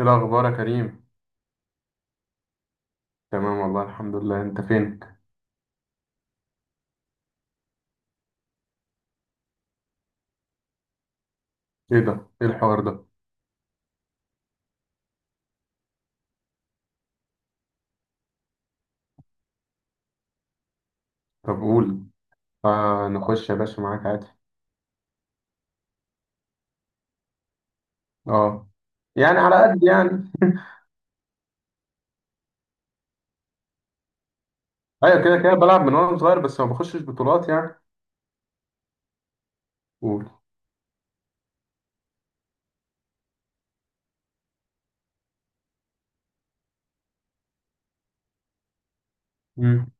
ايه الاخبار يا كريم؟ تمام والله الحمد لله، انت فين؟ ايه ده؟ ايه الحوار ده؟ طب قول. آه، نخش يا باشا معاك عادي. اه، يعني على قد يعني. ايوه كده كده بلعب من وانا صغير، بس ما بخشش بطولات يعني. قول. مم.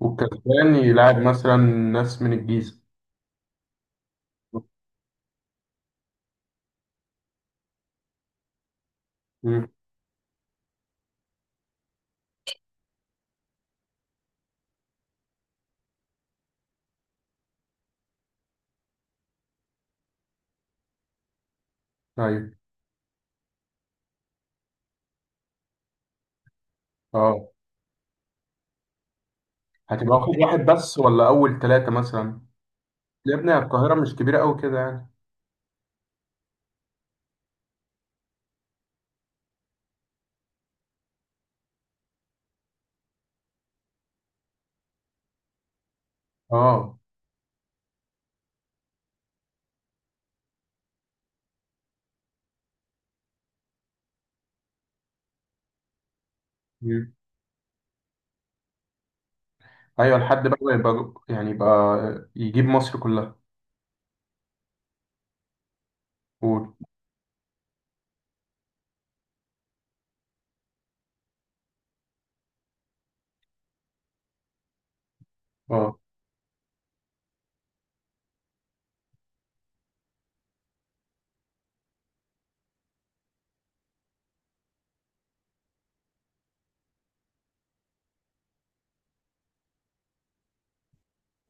والكسبان يلعب مثلا ناس من الجيزه؟ مم. ايوه. اه. هتبقى واخد واحد بس ولا اول ثلاثه مثلا؟ يا ابني القاهره مش كبيره قوي كده يعني. اه. مم. ايوه، لحد بقى يبقى يبقى يجيب مصر كلها. قول. اه.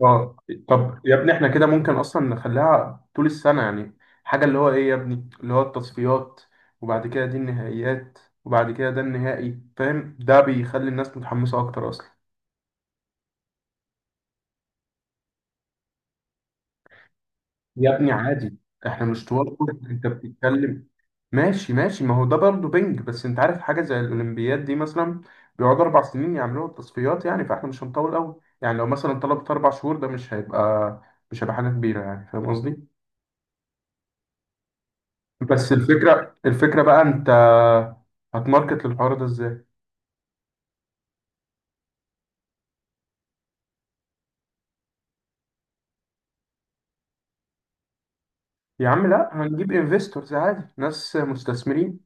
اه. طب يا ابني احنا كده ممكن اصلا نخليها طول السنة يعني. حاجة اللي هو ايه يا ابني، اللي هو التصفيات، وبعد كده دي النهائيات، وبعد كده ده النهائي، فاهم؟ ده بيخلي الناس متحمسة اكتر اصلا. يا ابني عادي، احنا مش طوال انت بتتكلم. ماشي ماشي، ما هو ده برضه بنج، بس انت عارف حاجة زي الاولمبياد دي مثلا بيقعدوا اربع سنين يعملوا التصفيات، يعني فاحنا مش هنطول قوي. يعني لو مثلا طلبت اربع شهور ده مش هيبقى، مش هيبقى حاجة كبيرة يعني، فاهم قصدي؟ بس الفكرة، الفكرة بقى انت هتماركت للحوار ده ازاي؟ يا عم لا، هنجيب انفستورز عادي، ناس مستثمرين.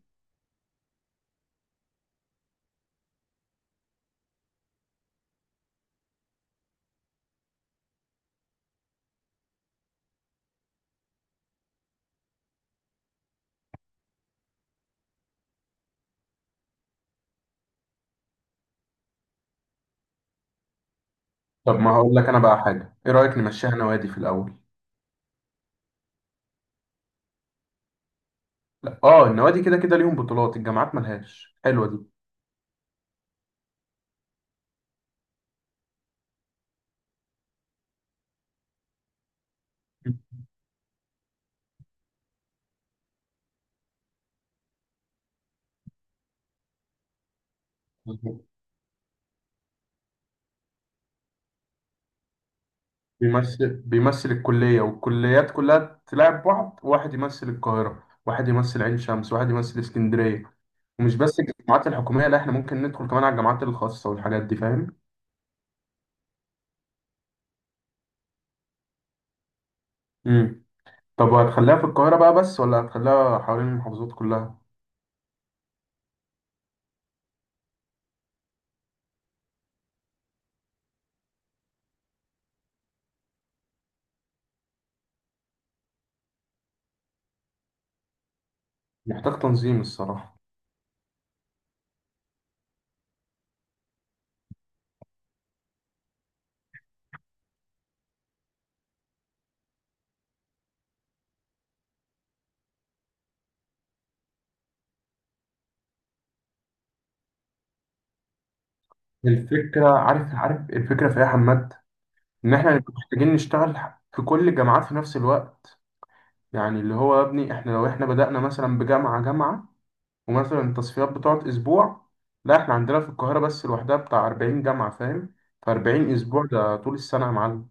طب ما هقول لك انا بقى حاجة، ايه رأيك نمشيها نوادي في الاول؟ لا، اه النوادي كده كده ليهم بطولات، الجامعات ملهاش، حلوة دي. مظبوط. بيمثل، بيمثل الكلية، والكليات كلها تلعب بعض، واحد يمثل القاهرة، واحد يمثل عين شمس، واحد يمثل اسكندرية. ومش بس الجامعات الحكومية، لا احنا ممكن ندخل كمان على الجامعات الخاصة والحاجات دي، فاهم؟ طب وهتخليها في القاهرة بقى بس ولا هتخليها حوالين المحافظات كلها؟ محتاج تنظيم الصراحة. الفكرة، عارف عارف الفكرة في إيه يا حماد؟ إن إحنا هنبقى محتاجين نشتغل في كل الجامعات في نفس الوقت. يعني اللي هو يا ابني، إحنا لو إحنا بدأنا مثلا بجامعة جامعة، ومثلا التصفيات بتقعد أسبوع، لا إحنا عندنا في القاهرة بس لوحدها بتاع 40 جامعة، فاهم؟ ف 40 أسبوع ده طول السنة يا معلم.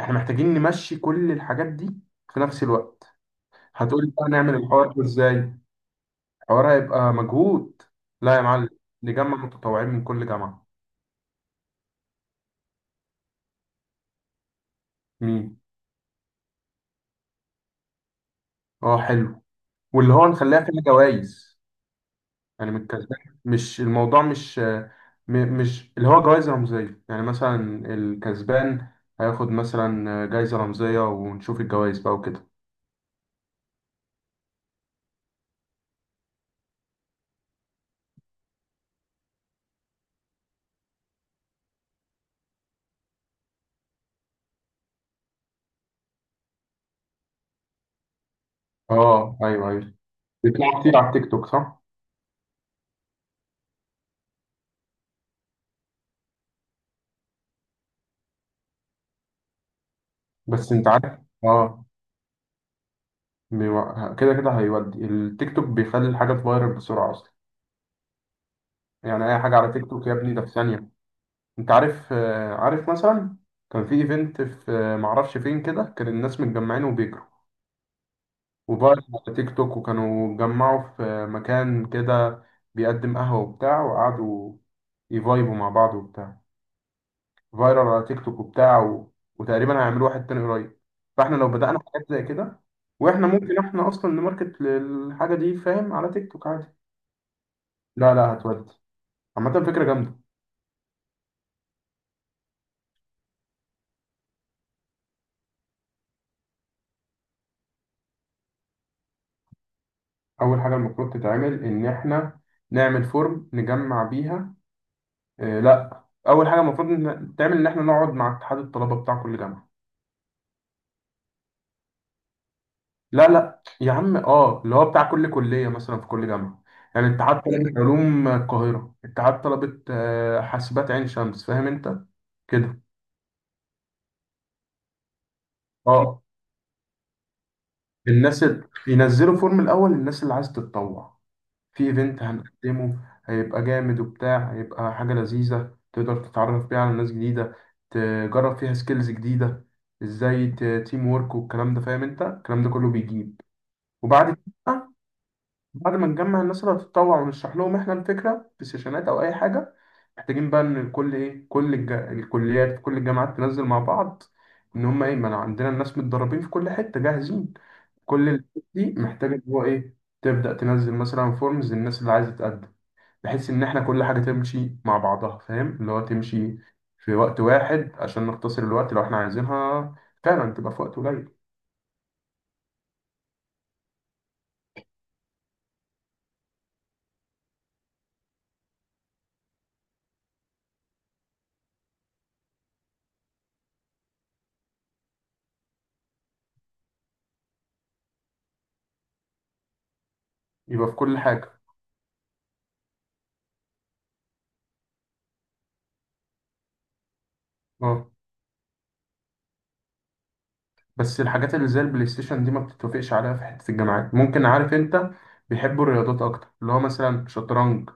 إحنا محتاجين نمشي كل الحاجات دي في نفس الوقت. هتقولي بقى نعمل الحوار ده إزاي؟ حوار هيبقى مجهود. لا يا معلم، نجمع متطوعين من كل جامعة. مين؟ اه حلو. واللي هو نخليها فيها جوائز، يعني من الكسبان، مش الموضوع مش مش اللي هو جوائز رمزية يعني، مثلا الكسبان هياخد مثلا جايزة رمزية، ونشوف الجوائز بقى وكده. اه ايوه ايوه، بيطلعوا كتير على التيك توك صح؟ بس انت عارف، اه كده كده هيودي، التيك توك بيخلي الحاجة تفايرل بسرعة اصلا. يعني اي حاجة على تيك توك يا ابني ده في ثانية. انت عارف عارف مثلا كان في ايفنت في معرفش فين كده، كان الناس متجمعين وبيجروا، وبقى على تيك توك، وكانوا اتجمعوا في مكان كده بيقدم قهوة وبتاع، وقعدوا يفايبوا مع بعض وبتاع، فايرال على تيك توك وبتاع و... وتقريبا هيعملوا واحد تاني قريب. فاحنا لو بدأنا حاجات زي كده، واحنا ممكن احنا اصلا نماركت للحاجة دي، فاهم؟ على تيك توك عادي. لا لا، هتودي. عامة فكرة جامدة. أول حاجة المفروض تتعمل إن إحنا نعمل فورم نجمع بيها. إيه، لا اول حاجه المفروض تعمل ان احنا نقعد مع اتحاد الطلبه بتاع كل جامعه. لا لا يا عم، اه اللي هو بتاع كل كليه مثلا في كل جامعه. يعني اتحاد طلبه علوم القاهره، اتحاد طلبه حاسبات عين شمس، فاهم انت كده؟ اه. الناس ينزلوا فورم الاول للناس اللي عايز تتطوع في ايفنت هنقدمه، هيبقى جامد وبتاع، هيبقى حاجه لذيذه تقدر تتعرف بيها على ناس جديده، تجرب فيها سكيلز جديده، ازاي تيم وورك والكلام ده، فاهم انت؟ الكلام ده كله بيجيب. وبعد كده، بعد ما نجمع الناس اللي هتتطوع ونشرح لهم احنا الفكره في سيشنات او اي حاجه، محتاجين بقى ان الكل ايه، كل الكليات في كل الجامعات تنزل مع بعض، ان هم ايه، ما أنا عندنا الناس متدربين في كل حته جاهزين. كل ال- دي محتاجه ان هو ايه، تبدا تنزل مثلا فورمز للناس اللي عايزه تقدم، بحيث ان احنا كل حاجه تمشي مع بعضها، فاهم؟ اللي هو تمشي في وقت واحد عشان نختصر الوقت، لو احنا عايزينها فعلا تبقى في وقت قليل. يبقى في كل حاجه. آه. بس الحاجات اللي زي البلاي ستيشن دي ما بتتوافقش عليها في حتة الجامعات، ممكن عارف انت، بيحبوا الرياضات اكتر، اللي هو مثلا شطرنج،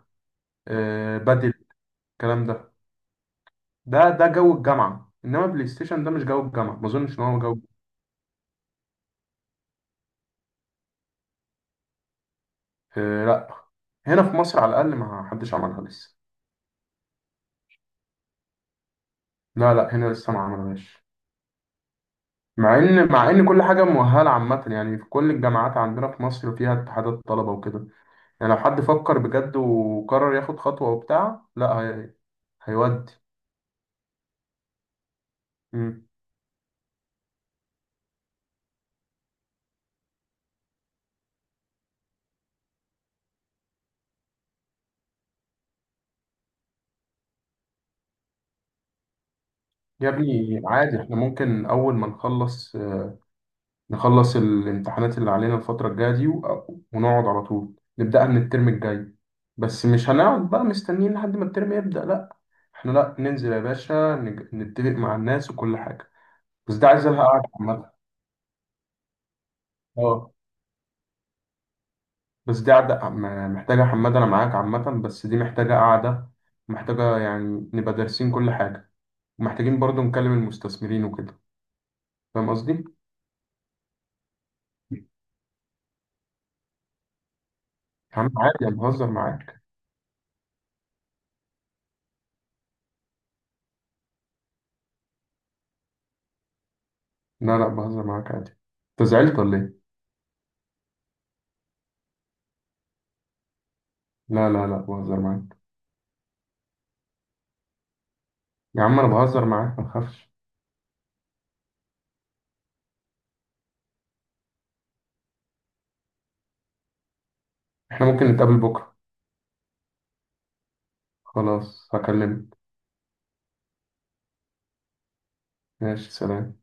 آه بدل الكلام ده. ده جو الجامعة، انما بلاي ستيشن ده مش جو الجامعة، ما اظنش ان هو جو. آه لا، هنا في مصر على الاقل ما حدش عملها لسه. لا لا، هنا لسه ما عملهاش. مع ان كل حاجة مؤهلة عامة يعني، في كل الجامعات عندنا في مصر فيها اتحادات طلبة وكده. يعني لو حد فكر بجد وقرر ياخد خطوة وبتاع، لا هي... هيودي. يا ابني عادي، احنا ممكن اول ما نخلص، نخلص الامتحانات اللي علينا الفترة الجاية دي ونقعد على طول نبدأها من الترم الجاي. بس مش هنقعد بقى مستنيين لحد ما الترم يبدأ، لا احنا، لا ننزل يا باشا نتفق مع الناس وكل حاجة، بس دي عايزة لها قعدة عامة. اه بس دي قعدة محتاجة حماد، انا معاك عامة، بس دي محتاجة قعدة، محتاجة يعني نبقى دارسين كل حاجة، ومحتاجين برضو نكلم المستثمرين وكده، فاهم قصدي؟ يا عم عادي انا بهزر معاك. لا لا بهزر معاك عادي، انت زعلت ولا ايه؟ لا لا لا بهزر معاك. يا عم انا بهزر معاك ما تخافش. احنا ممكن نتقابل بكره. خلاص هكلمك. ماشي سلام.